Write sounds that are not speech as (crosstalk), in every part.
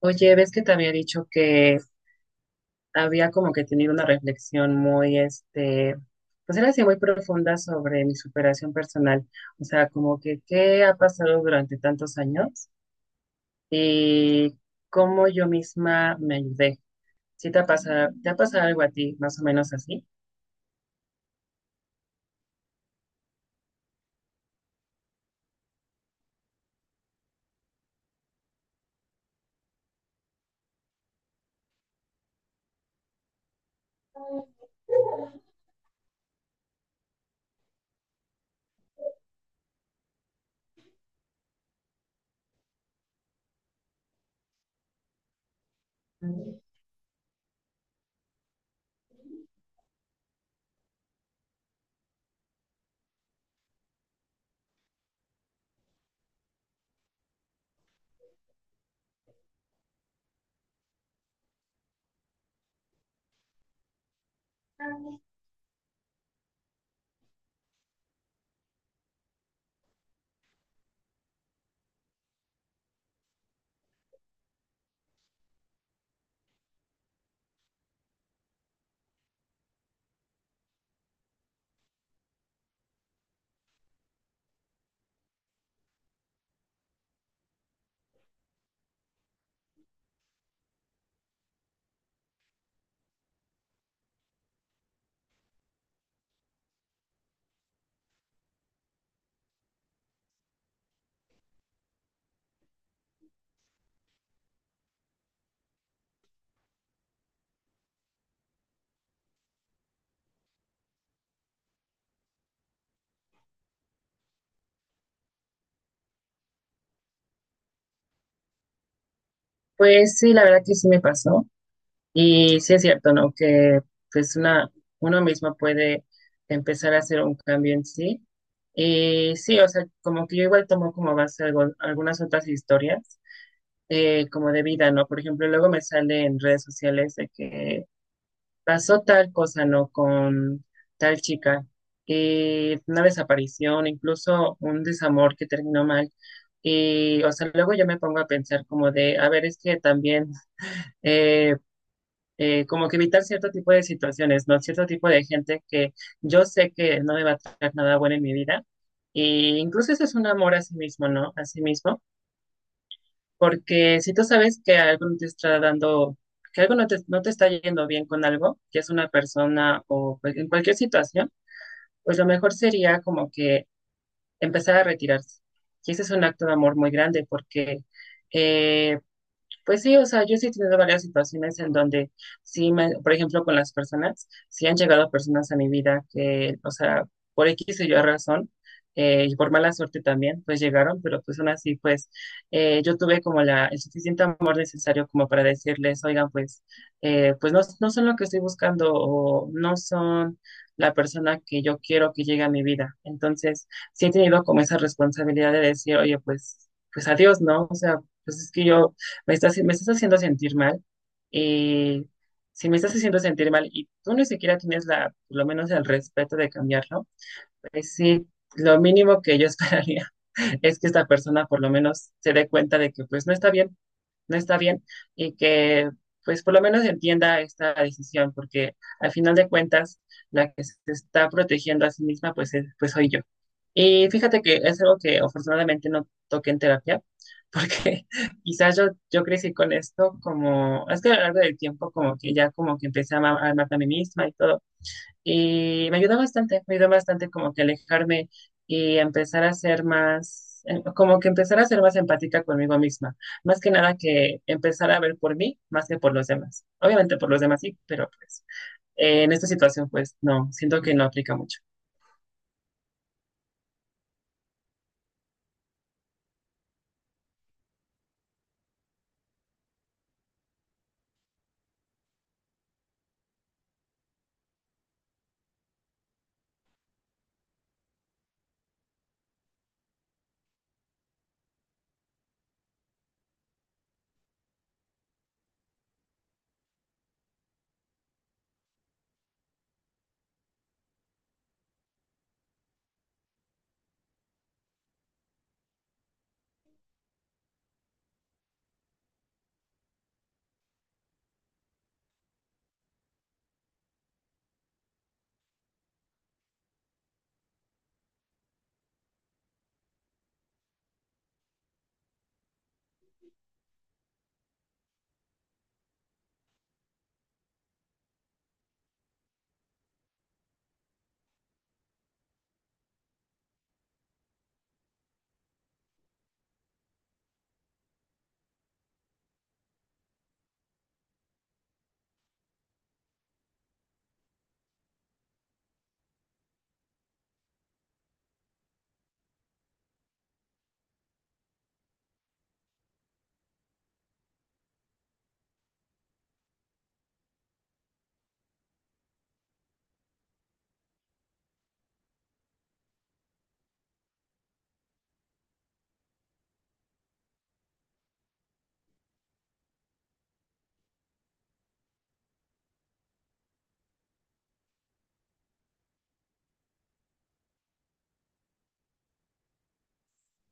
Oye, ves que te había dicho que había como que tenido una reflexión muy, pues era así muy profunda sobre mi superación personal. O sea, como que qué ha pasado durante tantos años y cómo yo misma me ayudé. ¿Sí te ha pasado algo a ti, más o menos así? Pues sí, la verdad que sí me pasó. Y sí es cierto, ¿no? Que pues una, uno mismo puede empezar a hacer un cambio en sí. Y sí, o sea, como que yo igual tomo como base algunas otras historias, como de vida, ¿no? Por ejemplo, luego me sale en redes sociales de que pasó tal cosa, ¿no? Con tal chica, y una desaparición, incluso un desamor que terminó mal. Y, o sea, luego yo me pongo a pensar como de, a ver, es que también... eh, como que evitar cierto tipo de situaciones, ¿no? Cierto tipo de gente que yo sé que no me va a traer nada bueno en mi vida. Y incluso eso es un amor a sí mismo, ¿no? A sí mismo. Porque si tú sabes que algo no te está dando, que algo no te está yendo bien con algo, que es una persona o en cualquier situación, pues lo mejor sería como que empezar a retirarse. Y ese es un acto de amor muy grande porque... eh, pues sí, o sea, yo sí he tenido varias situaciones en donde sí, por ejemplo, con las personas, sí han llegado personas a mi vida que, o sea, por X o Y razón, y por mala suerte también, pues llegaron, pero pues aún así, pues yo tuve como el suficiente amor necesario como para decirles, oigan, pues, pues no, no son lo que estoy buscando o no son la persona que yo quiero que llegue a mi vida. Entonces, sí he tenido como esa responsabilidad de decir, oye, pues, pues adiós, ¿no? O sea, pues es que yo me estás haciendo sentir mal. eh, si me estás haciendo sentir mal y tú ni siquiera tienes la, por lo menos el respeto de cambiarlo, pues sí, lo mínimo que yo (laughs) esperaría es que esta persona por lo menos se dé cuenta de que pues no está bien, no está bien y que pues por lo menos entienda esta decisión, porque al final de cuentas la que se está protegiendo a sí misma pues, pues soy yo. Y fíjate que es algo que afortunadamente no toqué en terapia, porque (laughs) quizás yo crecí con esto como, es que a lo largo del tiempo como que ya como que a amarme a mí misma y todo. Y me ayudó bastante como que alejarme y empezar a ser más, como que empezar a ser más empática conmigo misma. Más que nada que empezar a ver por mí más que por los demás. Obviamente por los demás sí, pero pues en esta situación pues no, siento que no aplica mucho.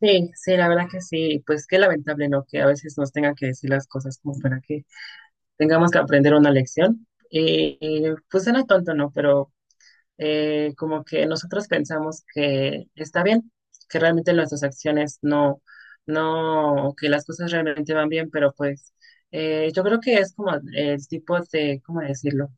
Sí, sí, la verdad que sí, pues qué lamentable, ¿no? Que a veces nos tengan que decir las cosas como para que tengamos que aprender una lección. Pues era tonto, ¿no? Pero como que nosotros pensamos que está bien, que realmente nuestras acciones no, que las cosas realmente van bien, pero pues yo creo que es como el tipo de, ¿cómo decirlo?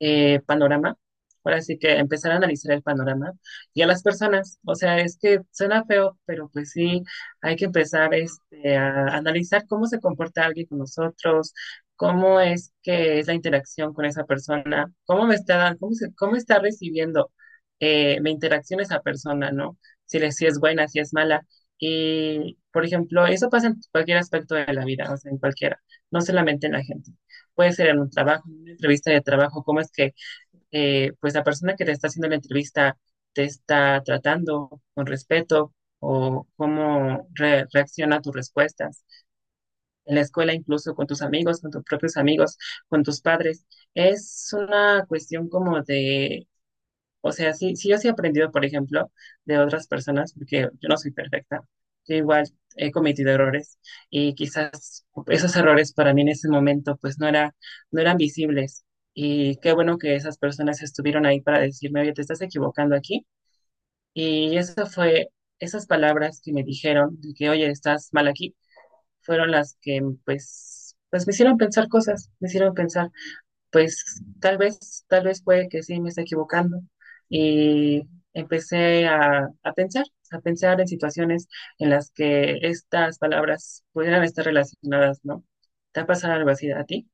Panorama. Ahora sí que empezar a analizar el panorama y a las personas. O sea, es que suena feo, pero pues sí, hay que empezar a analizar cómo se comporta alguien con nosotros, cómo es que es la interacción con esa persona, cómo me está dando, cómo está recibiendo mi interacción esa persona, ¿no? Si, le, si es buena, si es mala. Y, por ejemplo, eso pasa en cualquier aspecto de la vida, o sea, en cualquiera, no solamente en la gente puede ser en un trabajo, en una entrevista de trabajo, cómo es que pues la persona que te está haciendo la entrevista te está tratando con respeto o reacciona a tus respuestas. En la escuela, incluso con tus amigos, con tus propios amigos, con tus padres. Es una cuestión como de o sea, sí, sí, yo sí he aprendido, por ejemplo, de otras personas, porque yo no soy perfecta. Yo igual he cometido errores y quizás esos errores para mí en ese momento pues no eran visibles. Y qué bueno que esas personas estuvieron ahí para decirme, oye, te estás equivocando aquí. Y eso fue, esas palabras que me dijeron, de que, oye, estás mal aquí, fueron las que pues me hicieron pensar cosas, me hicieron pensar pues tal vez puede que sí me esté equivocando. Y empecé a pensar en situaciones en las que estas palabras pudieran estar relacionadas, ¿no? ¿Te ha pasado algo así a ti?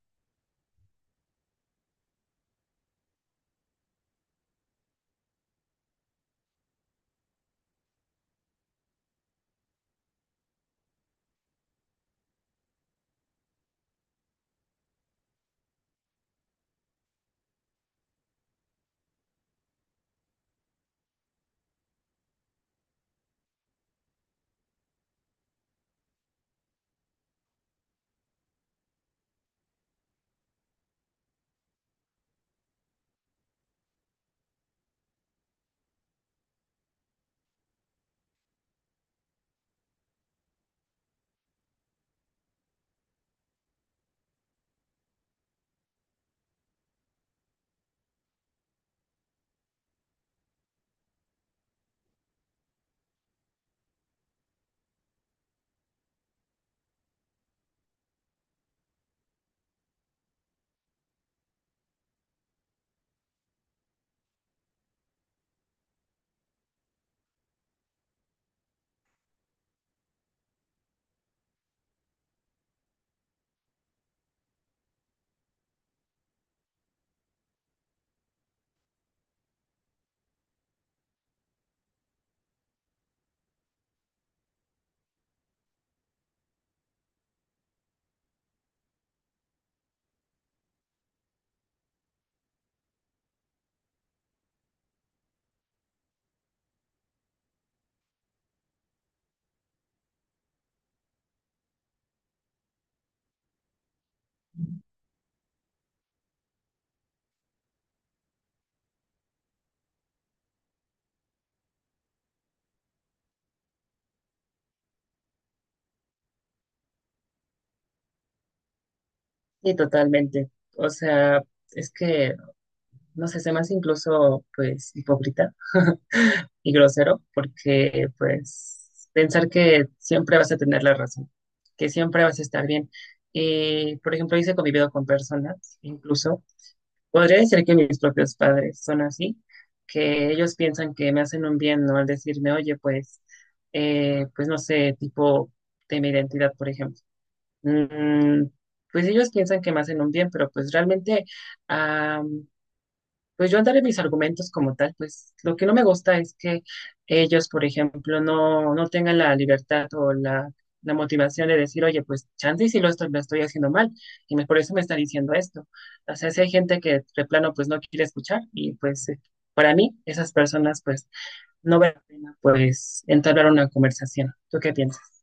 Sí, totalmente. O sea, es que, no sé, se me hace incluso, pues, hipócrita y grosero, porque, pues, pensar que siempre vas a tener la razón, que siempre vas a estar bien. Y, por ejemplo, hice convivido con personas, incluso, podría decir que mis propios padres son así, que ellos piensan que me hacen un bien, ¿no? Al decirme, oye, pues, pues no sé, tipo de mi identidad, por ejemplo. Mm, pues ellos piensan que me hacen un bien, pero pues realmente pues yo andaré mis argumentos como tal, pues lo que no me gusta es que ellos, por ejemplo, no tengan la libertad o la motivación de decir, oye, pues chance y si lo estoy, lo estoy haciendo mal, y por eso me está diciendo esto. O sea, si hay gente que de plano pues no quiere escuchar, y pues para mí, esas personas pues no vale la pena pues entablar una conversación. ¿Tú qué piensas?